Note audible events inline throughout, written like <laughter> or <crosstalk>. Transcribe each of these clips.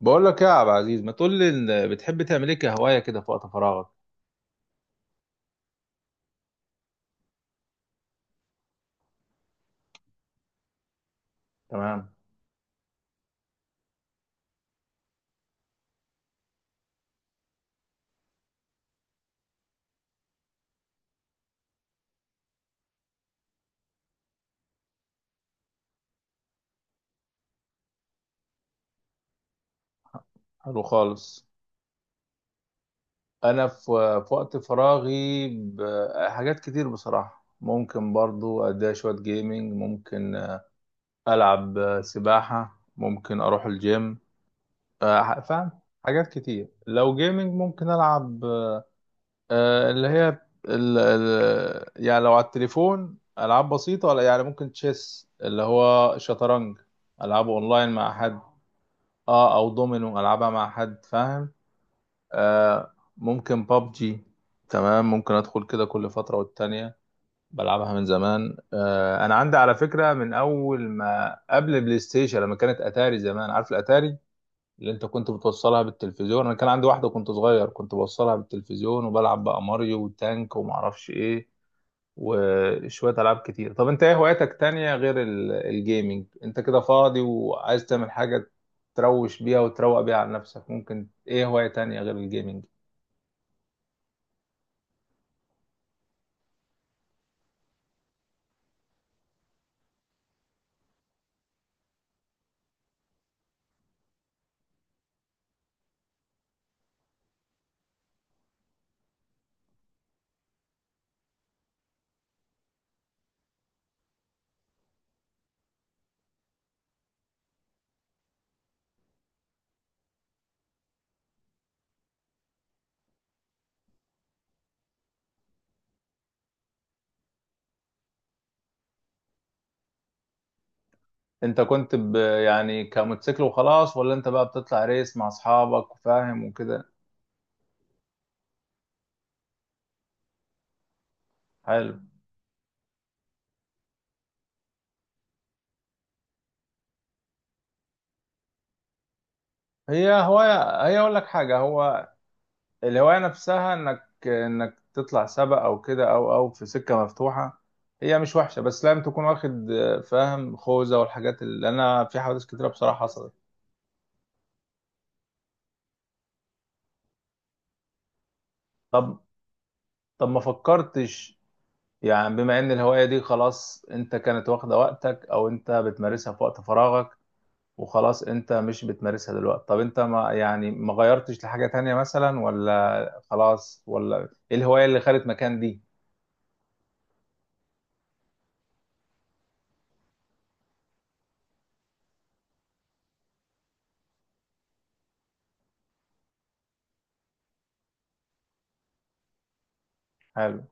بقول لك يا عبد العزيز، ما تقول لي إن بتحب تعمل ايه كهوايه كده في وقت فراغك؟ تمام. حلو خالص. انا في وقت فراغي، حاجات كتير بصراحه، ممكن برضو اديها شويه جيمنج، ممكن العب سباحه، ممكن اروح الجيم. فاهم. حاجات كتير، لو جيمنج ممكن العب. اللي هي ال ال يعني لو على التليفون العاب بسيطه، ولا يعني ممكن تشيس اللي هو شطرنج. العبه اونلاين مع حد. اه او دومينو، العبها مع حد، فاهم. ممكن بابجي. تمام، ممكن ادخل كده كل فتره والتانيه، بلعبها من زمان. انا عندي على فكره من اول ما قبل بلاي ستيشن، لما كانت اتاري زمان. عارف الاتاري اللي انت كنت بتوصلها بالتلفزيون؟ انا كان عندي واحده، كنت صغير، كنت بوصلها بالتلفزيون وبلعب بقى ماريو وتانك وما اعرفش ايه وشوية ألعاب كتير. طب أنت إيه هواياتك تانية غير الجيمنج؟ أنت كده فاضي وعايز تعمل حاجة تروش بيها وتروق بيها على نفسك، ممكن إيه هواية تانية غير الجيمنج؟ أنت كنت يعني كموتوسيكل وخلاص، ولا أنت بقى بتطلع ريس مع أصحابك وفاهم وكده؟ حلو. هي هواية، هي أقول لك حاجة، هو الهواية نفسها إنك تطلع سباق أو كده، أو في سكة مفتوحة، هي مش وحشة، بس لازم تكون واخد فاهم، خوذة والحاجات، اللي أنا في حوادث كتيرة بصراحة حصلت. طب طب ما فكرتش، يعني بما ان الهواية دي خلاص، انت كانت واخدة وقتك او انت بتمارسها في وقت فراغك، وخلاص انت مش بتمارسها دلوقتي. طب انت ما يعني، ما غيرتش لحاجة تانية مثلا، ولا خلاص، ولا ايه الهواية اللي خدت مكان دي؟ حلو.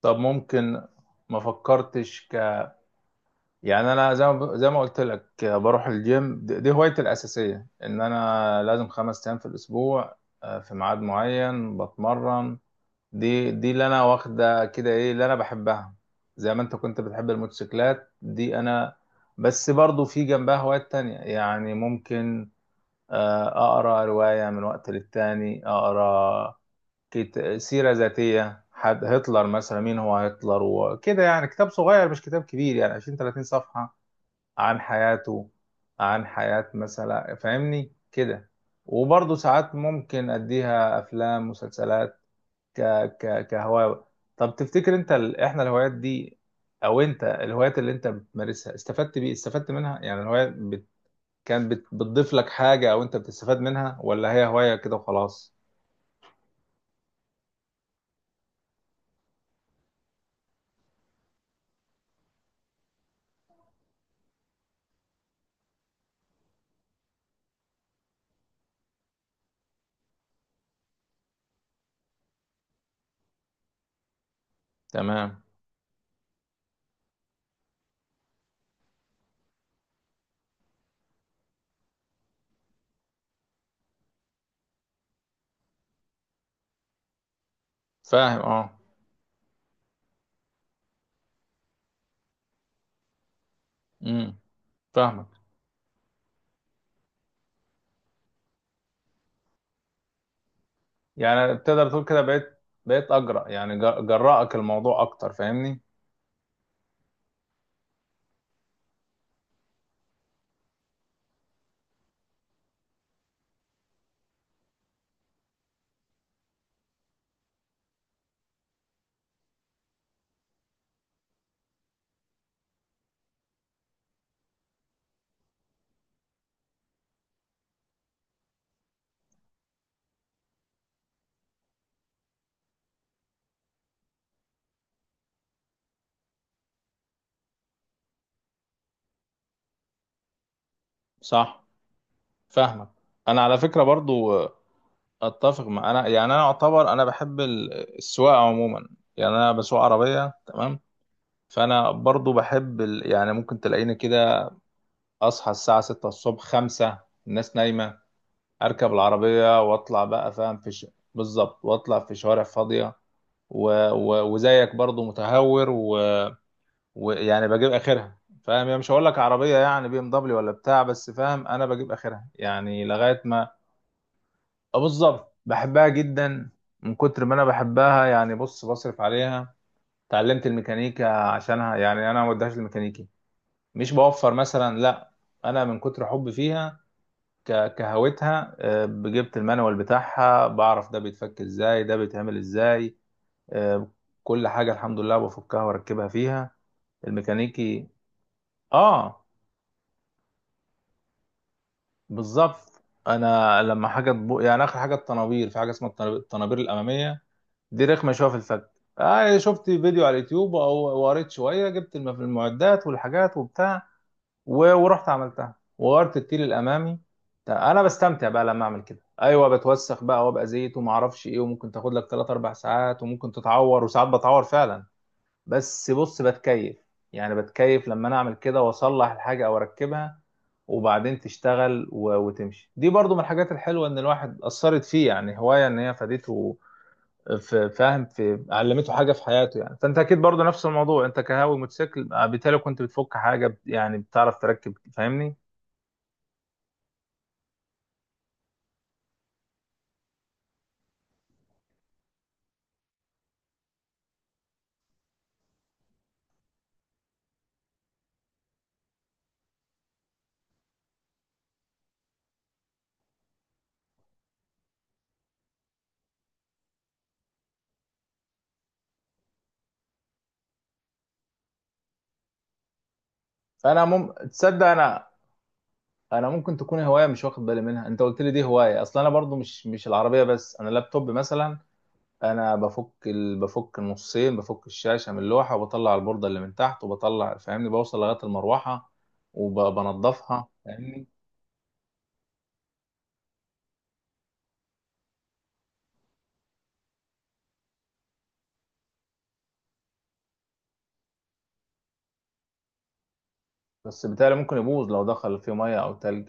طب ممكن، ما فكرتش يعني؟ انا، زي ما قلت لك، بروح الجيم، دي هوايتي الأساسية، ان انا لازم 5 ايام في الاسبوع، في ميعاد معين بتمرن، دي اللي انا واخده كده. ايه اللي انا بحبها؟ زي ما انت كنت بتحب الموتوسيكلات دي، انا. بس برضو في جنبها هوايات تانية يعني، ممكن اقرا رواية من وقت للتاني، اقرا سيرة ذاتية حد، هتلر مثلا، مين هو هتلر وكده، يعني كتاب صغير مش كتاب كبير، يعني 20 30 صفحة، عن حياته، عن حياة مثلا، فاهمني كده. وبرضه ساعات ممكن اديها افلام مسلسلات ك ك كهواية. طب تفتكر انت احنا الهوايات دي، او انت الهوايات اللي انت بتمارسها، استفدت منها، يعني الهواية كانت بتضيف لك حاجة، او انت بتستفاد منها، ولا هي هواية كده وخلاص؟ تمام. فاهم. اه. امم فاهمك. يعني تقدر تقول كده بقيت اجرأ، يعني جرأك الموضوع اكتر، فاهمني؟ صح. فاهمك. انا على فكرة برضو اتفق مع، انا يعني انا اعتبر انا بحب السواقة عموما، يعني انا بسوق عربية تمام. فانا برضو بحب يعني ممكن تلاقيني كده، اصحى الساعه 6 الصبح، 5، الناس نايمه، اركب العربيه واطلع بقى، فاهم بالظبط، واطلع في شوارع فاضيه، وزيك برضو متهور، ويعني بجيب اخرها، فاهم يعني، مش هقول لك عربيه يعني BMW ولا بتاع، بس فاهم انا بجيب اخرها يعني لغايه ما. آه بالظبط، بحبها جدا. من كتر ما انا بحبها، يعني بص، بصرف عليها، اتعلمت الميكانيكا عشانها، يعني انا ما وديهاش الميكانيكي، مش بوفر مثلا، لا، انا من كتر حبي فيها، كهوتها، جبت المانوال بتاعها، بعرف ده بيتفك ازاي، ده بيتعمل ازاي. آه، كل حاجة الحمد لله بفكها واركبها فيها. الميكانيكي، اه بالظبط. انا لما حاجة يعني اخر حاجة الطنابير، في حاجة اسمها الطنابير الامامية، دي رخمة شوية في الفك. شفت فيديو على اليوتيوب او وقريت شوية، جبت المعدات والحاجات وبتاع، ورحت عملتها، وغيرت التيل الامامي. انا بستمتع بقى لما اعمل كده. ايوه بتوسخ بقى وابقى زيت وما اعرفش ايه، وممكن تاخد لك 3 4 ساعات، وممكن تتعور، وساعات بتعور فعلا، بس بص بتكيف، يعني بتكيف لما انا اعمل كده واصلح الحاجه او اركبها، وبعدين تشتغل وتمشي. دي برضو من الحاجات الحلوه، ان الواحد اثرت فيه يعني هوايه، ان هي فادته في، فاهم، في علمته حاجه في حياته يعني. فانت اكيد برضو نفس الموضوع، انت كهاوي موتوسيكل، بالتالي كنت بتفك حاجه، يعني بتعرف تركب، فاهمني. فانا تصدق؟ انا ممكن تكون هوايه مش واخد بالي منها. انت قلت لي دي هوايه اصلا. انا برضو مش العربيه بس، انا اللابتوب مثلا، انا بفك بفك النصين، بفك الشاشه من اللوحه، وبطلع البورده اللي من تحت، وبطلع فاهمني، بوصل لغايه المروحه وبنضفها، فاهمني. بس بالتالي ممكن يبوظ لو دخل فيه ميه او تلج.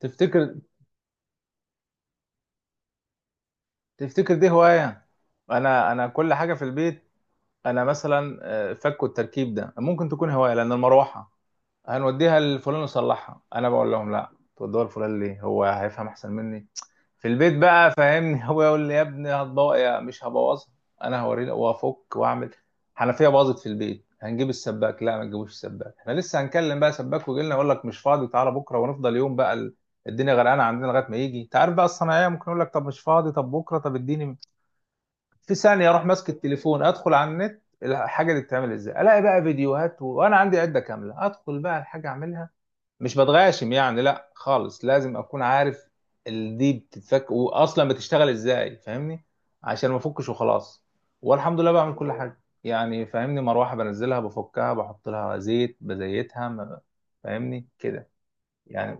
تفتكر تفتكر دي هواية يعني؟ انا كل حاجة في البيت، انا مثلا فك التركيب ده ممكن تكون هواية، لان المروحة هنوديها لفلان يصلحها، انا بقول لهم لا، تودوها لفلان ليه، هو هيفهم احسن مني في البيت بقى، فاهمني؟ <laughs> هو يقول لي يا ابني هتبوظ، يا مش هبوظها، انا هوريه وافك واعمل. حنفية باظت في البيت هنجيب السباك، لا، ما تجيبوش السباك، احنا لسه هنكلم بقى سباك ويجي لنا يقول لك مش فاضي، تعالى بكره، ونفضل يوم بقى الدنيا غرقانه عندنا لغايه ما يجي. انت عارف بقى الصناعيه، ممكن يقول لك طب مش فاضي، طب بكره، طب اديني في ثانيه، اروح ماسك التليفون، ادخل على النت، الحاجه دي بتتعمل ازاي، الاقي بقى فيديوهات، وانا عندي عده كامله، ادخل بقى الحاجه اعملها. مش بتغاشم يعني، لا خالص، لازم اكون عارف دي بتتفك واصلا بتشتغل ازاي، فاهمني، عشان ما افكش وخلاص. والحمد لله بعمل كل حاجه يعني، فاهمني، مروحه بنزلها بفكها، بحط لها زيت بزيتها، فاهمني كده. يعني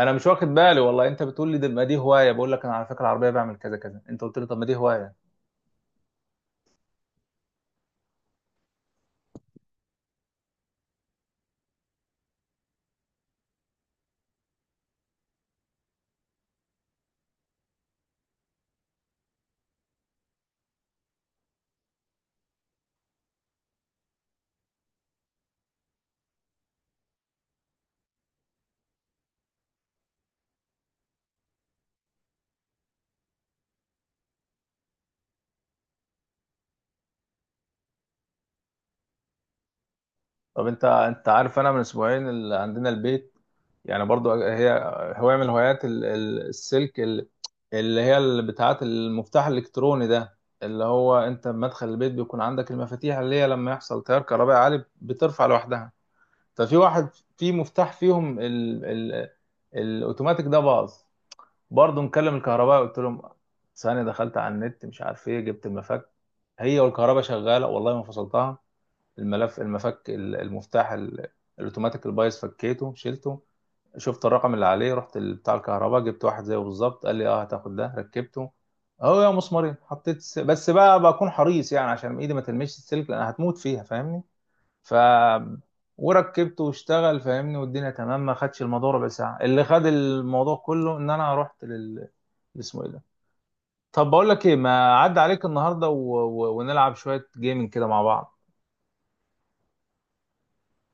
انا مش واخد بالي، والله انت بتقول لي ده، ما دي هوايه، بقول لك انا على فكره العربيه بعمل كذا كذا، انت قلت لي طب ما دي هوايه. طب انت عارف، انا من اسبوعين اللي عندنا البيت، يعني برضو هي هواية، من هوايات السلك، اللي هي، اللي بتاعت المفتاح الالكتروني ده، اللي هو انت بمدخل البيت بيكون عندك المفاتيح اللي هي لما يحصل تيار كهربائي عالي بترفع لوحدها. ففي واحد، في مفتاح فيهم ال الاوتوماتيك ده باظ، برضو مكلم الكهرباء قلت لهم، ثانية دخلت على النت مش عارف ايه، جبت المفك، هي والكهرباء شغالة والله ما فصلتها، الملف المفك المفتاح الاوتوماتيك البايظ فكيته شلته، شفت الرقم اللي عليه، رحت بتاع الكهرباء، جبت واحد زيه بالظبط، قال لي اه هتاخد ده، ركبته اهو يا مسمارين، حطيت بس بقى بكون حريص يعني، عشان ايدي ما تلمسش السلك لان هتموت فيها، فاهمني. ف وركبته واشتغل، فاهمني، والدنيا تمام، ما خدش الموضوع ربع ساعه. اللي خد الموضوع كله ان انا رحت اسمه ايه ده؟ طب بقول لك ايه، ما عدى عليك النهارده ونلعب شويه جيمنج كده مع بعض.